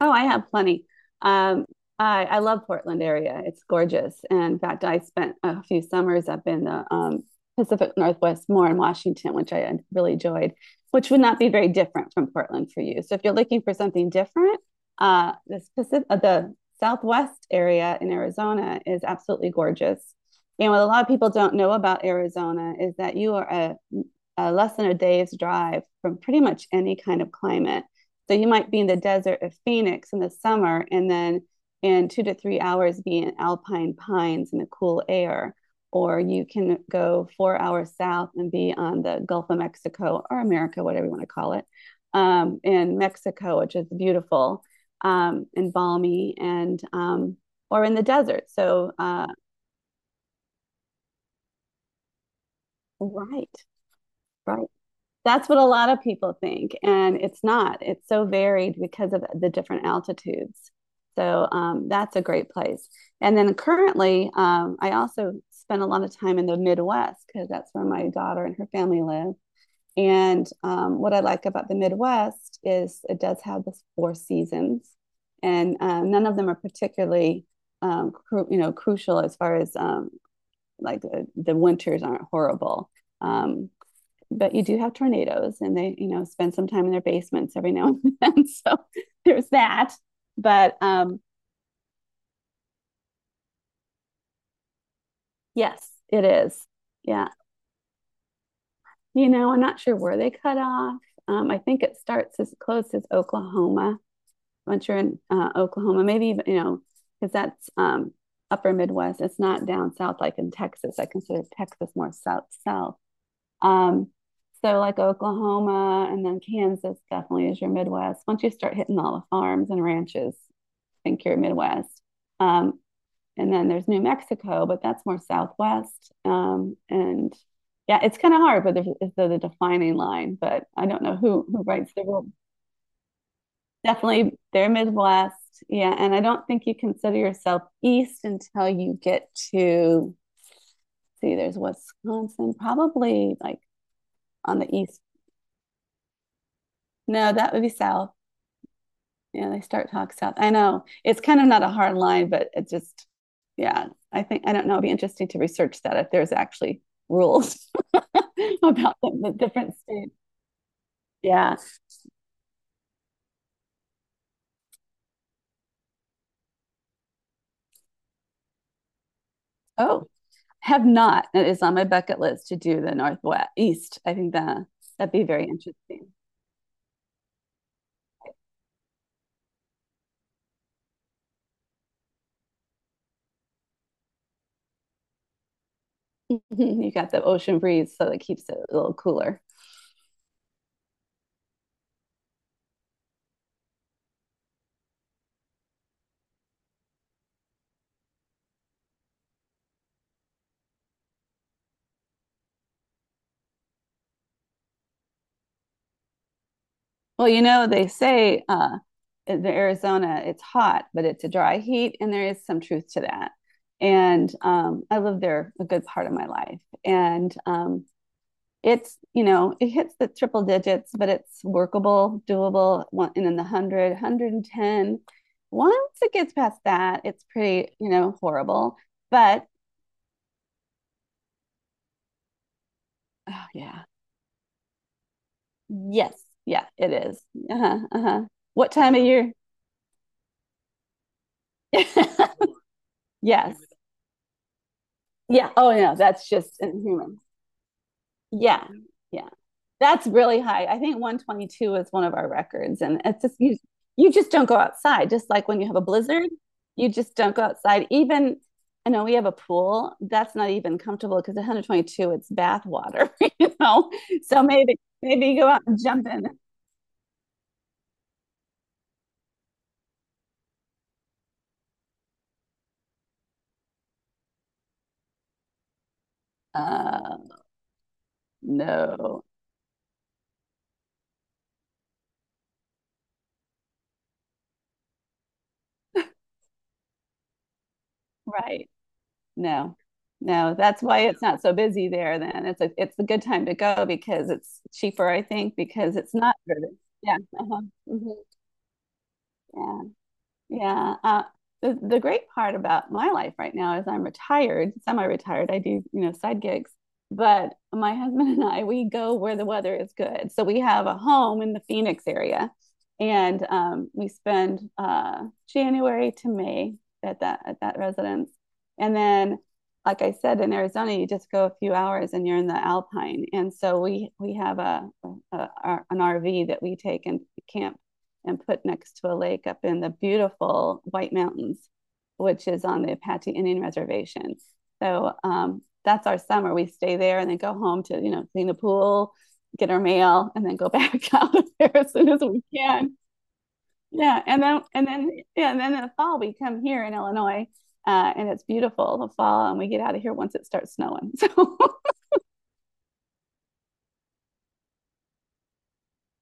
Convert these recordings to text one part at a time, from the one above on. Oh, I have plenty. Um, I love Portland area. It's gorgeous. And in fact, I spent a few summers up in the Pacific Northwest, more in Washington, which I had really enjoyed, which would not be very different from Portland for you. So if you're looking for something different, the Southwest area in Arizona is absolutely gorgeous. And what a lot of people don't know about Arizona is that you are a less than a day's drive from pretty much any kind of climate, so you might be in the desert of Phoenix in the summer and then in 2 to 3 hours be in alpine pines in the cool air. Or you can go 4 hours south and be on the Gulf of Mexico or America, whatever you want to call it, in Mexico, which is beautiful, and balmy, and or in the desert. So, right, right. That's what a lot of people think, and it's not. It's so varied because of the different altitudes. So that's a great place. And then currently, I also spend a lot of time in the Midwest because that's where my daughter and her family live. And What I like about the Midwest is it does have the four seasons, and none of them are particularly crucial as far as like the winters aren't horrible. Um, but you do have tornadoes, and they, you know, spend some time in their basements every now and then, so there's that, but yes, it is. Yeah, you know, I'm not sure where they cut off. I think it starts as close as Oklahoma. Once you're in Oklahoma, maybe, even, you know, because that's upper Midwest. It's not down south like in Texas. I consider Texas more south, south. Um, so like Oklahoma and then Kansas definitely is your Midwest. Once you start hitting all the farms and ranches, I think you're Midwest. Um, and then there's New Mexico, but that's more Southwest. And yeah, it's kind of hard, it's the defining line. But I don't know who writes the rule. Definitely, they're Midwest. Yeah, and I don't think you consider yourself East until you get to, see. There's Wisconsin, probably like on the East. No, that would be South. Yeah, they start talk south. I know. It's kind of not a hard line, but it just, yeah, I think, I don't know. It'd be interesting to research that if there's actually rules about the different states. Yeah. Oh, have not. It is on my bucket list to do the Northwest East. I think that that'd be very interesting. You got the ocean breeze, so it keeps it a little cooler. Well, you know, they say, in Arizona it's hot, but it's a dry heat, and there is some truth to that. And I lived there a good part of my life, and it's, you know, it hits the triple digits, but it's workable, doable. One, and then the 100. Once it gets past that, it's pretty, you know, horrible. But oh, yeah. Yes. Yeah, it is. Uh-huh, uh-huh. What time of year? Yes. Yeah, oh yeah, that's just inhuman. Yeah. Yeah. That's really high. I think 122 is one of our records. And it's just, you just don't go outside. Just like when you have a blizzard, you just don't go outside. Even, I know we have a pool that's not even comfortable because 122, it's bath water, you know? So maybe, maybe you go out and jump in. Uh, no, right. No, no. That's why it's not so busy there then. It's a good time to go because it's cheaper, I think, because it's not, yeah. Uh-huh. Mhm. Yeah, yeah. The great part about my life right now is I'm retired, semi-retired. I do, you know, side gigs, but my husband and I, we go where the weather is good. So we have a home in the Phoenix area, and we spend January to May at that residence, and then. Like I said, in Arizona, you just go a few hours and you're in the Alpine. And so we have a an RV that we take and camp and put next to a lake up in the beautiful White Mountains, which is on the Apache Indian Reservation. So that's our summer. We stay there and then go home to, you know, clean the pool, get our mail, and then go back out of there as soon as we can. Yeah. Yeah. And then in the fall, we come here in Illinois, and it's beautiful the fall, and we get out of here once it starts snowing. So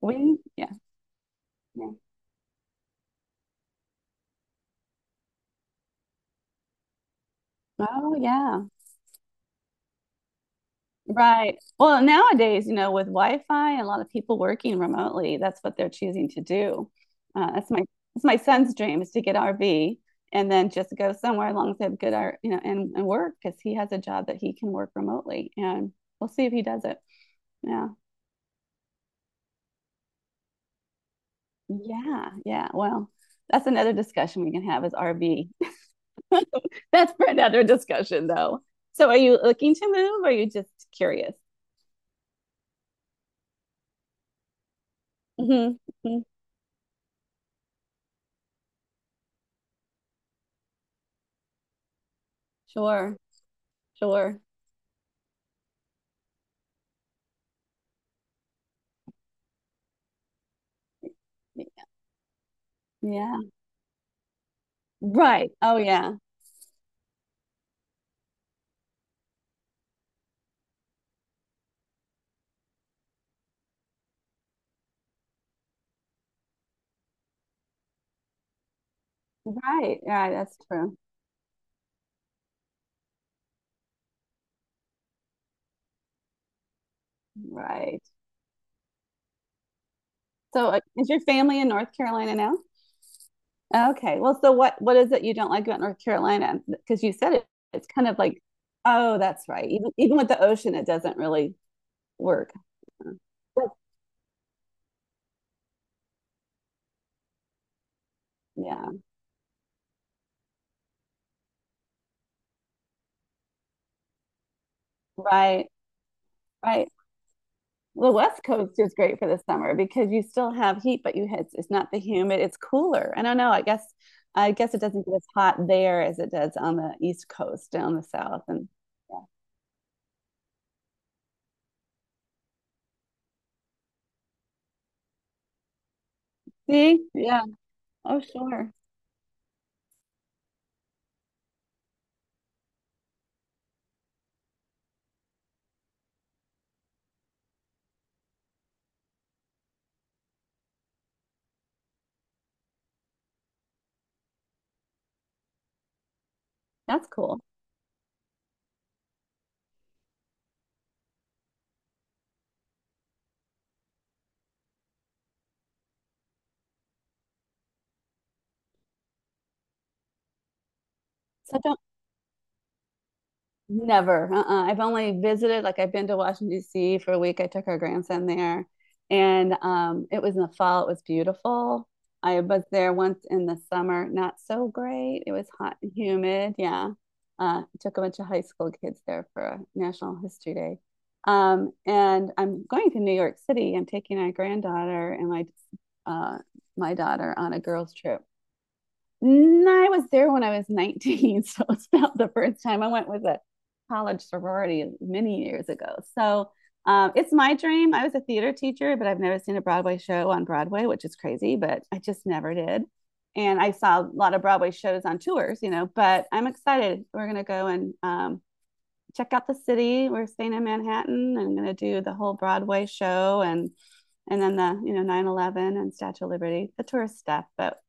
we, yeah. Yeah. Oh, yeah. Right. Well, nowadays, you know, with Wi-Fi and a lot of people working remotely, that's what they're choosing to do. Uh, that's my that's my son's dream, is to get RV and then just go somewhere alongside good art, you know, and work because he has a job that he can work remotely. And we'll see if he does it. Yeah. Yeah. Yeah. Well, that's another discussion we can have is RV. That's for another discussion though. So are you looking to move or are you just curious? Hmm. Sure. Sure. Yeah. Right. Oh, yeah. Right. Right. That's true. Right. So, is your family in North Carolina now? Okay. Well, so what is it you don't like about North Carolina? Because you said it, it's kind of like, oh, that's right. Even, even with the ocean, it doesn't really work. Yeah. Yeah. Right. Right. The West Coast is great for the summer because you still have heat, but you, it's not the humid. It's cooler. I don't know. I guess it doesn't get as hot there as it does on the East Coast down the South and. Yeah. See? Yeah. Oh, sure. That's cool. So I don't, never. Uh-uh. I've only visited, like I've been to Washington, D.C. for a week. I took our grandson there, and it was in the fall. It was beautiful. I was there once in the summer, not so great. It was hot and humid. Yeah. Took a bunch of high school kids there for a National History Day. And I'm going to New York City. I'm taking my granddaughter and my, uh, my daughter on a girls' trip. No, I was there when I was 19. So it's about the first time I went with a college sorority many years ago. So, it's my dream. I was a theater teacher, but I've never seen a Broadway show on Broadway, which is crazy, but I just never did. And I saw a lot of Broadway shows on tours, you know, but I'm excited. We're going to go and, check out the city. We're staying in Manhattan. I'm going to do the whole Broadway show, and then the, you know, 9/11 and Statue of Liberty, the tourist stuff. But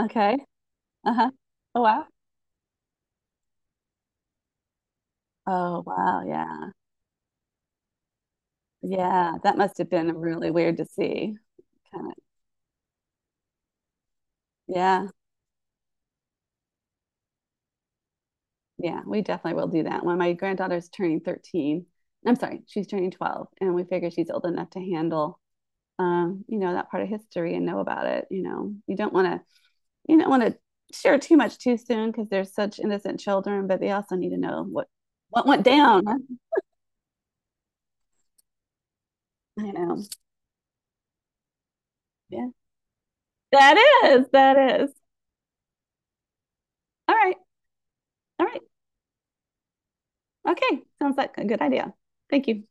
okay. Uh-huh. Oh, wow. Oh, wow. Yeah. Yeah. That must have been really weird to see. Kind of. Yeah. Yeah. We definitely will do that. When my granddaughter's turning 13, I'm sorry, she's turning 12, and we figure she's old enough to handle, you know, that part of history and know about it. You know, you don't want to, you don't want to share too much too soon because they're such innocent children, but they also need to know what went down. Huh? I know. Yeah. That is, that is. All right. All right. Okay. Sounds like a good idea. Thank you.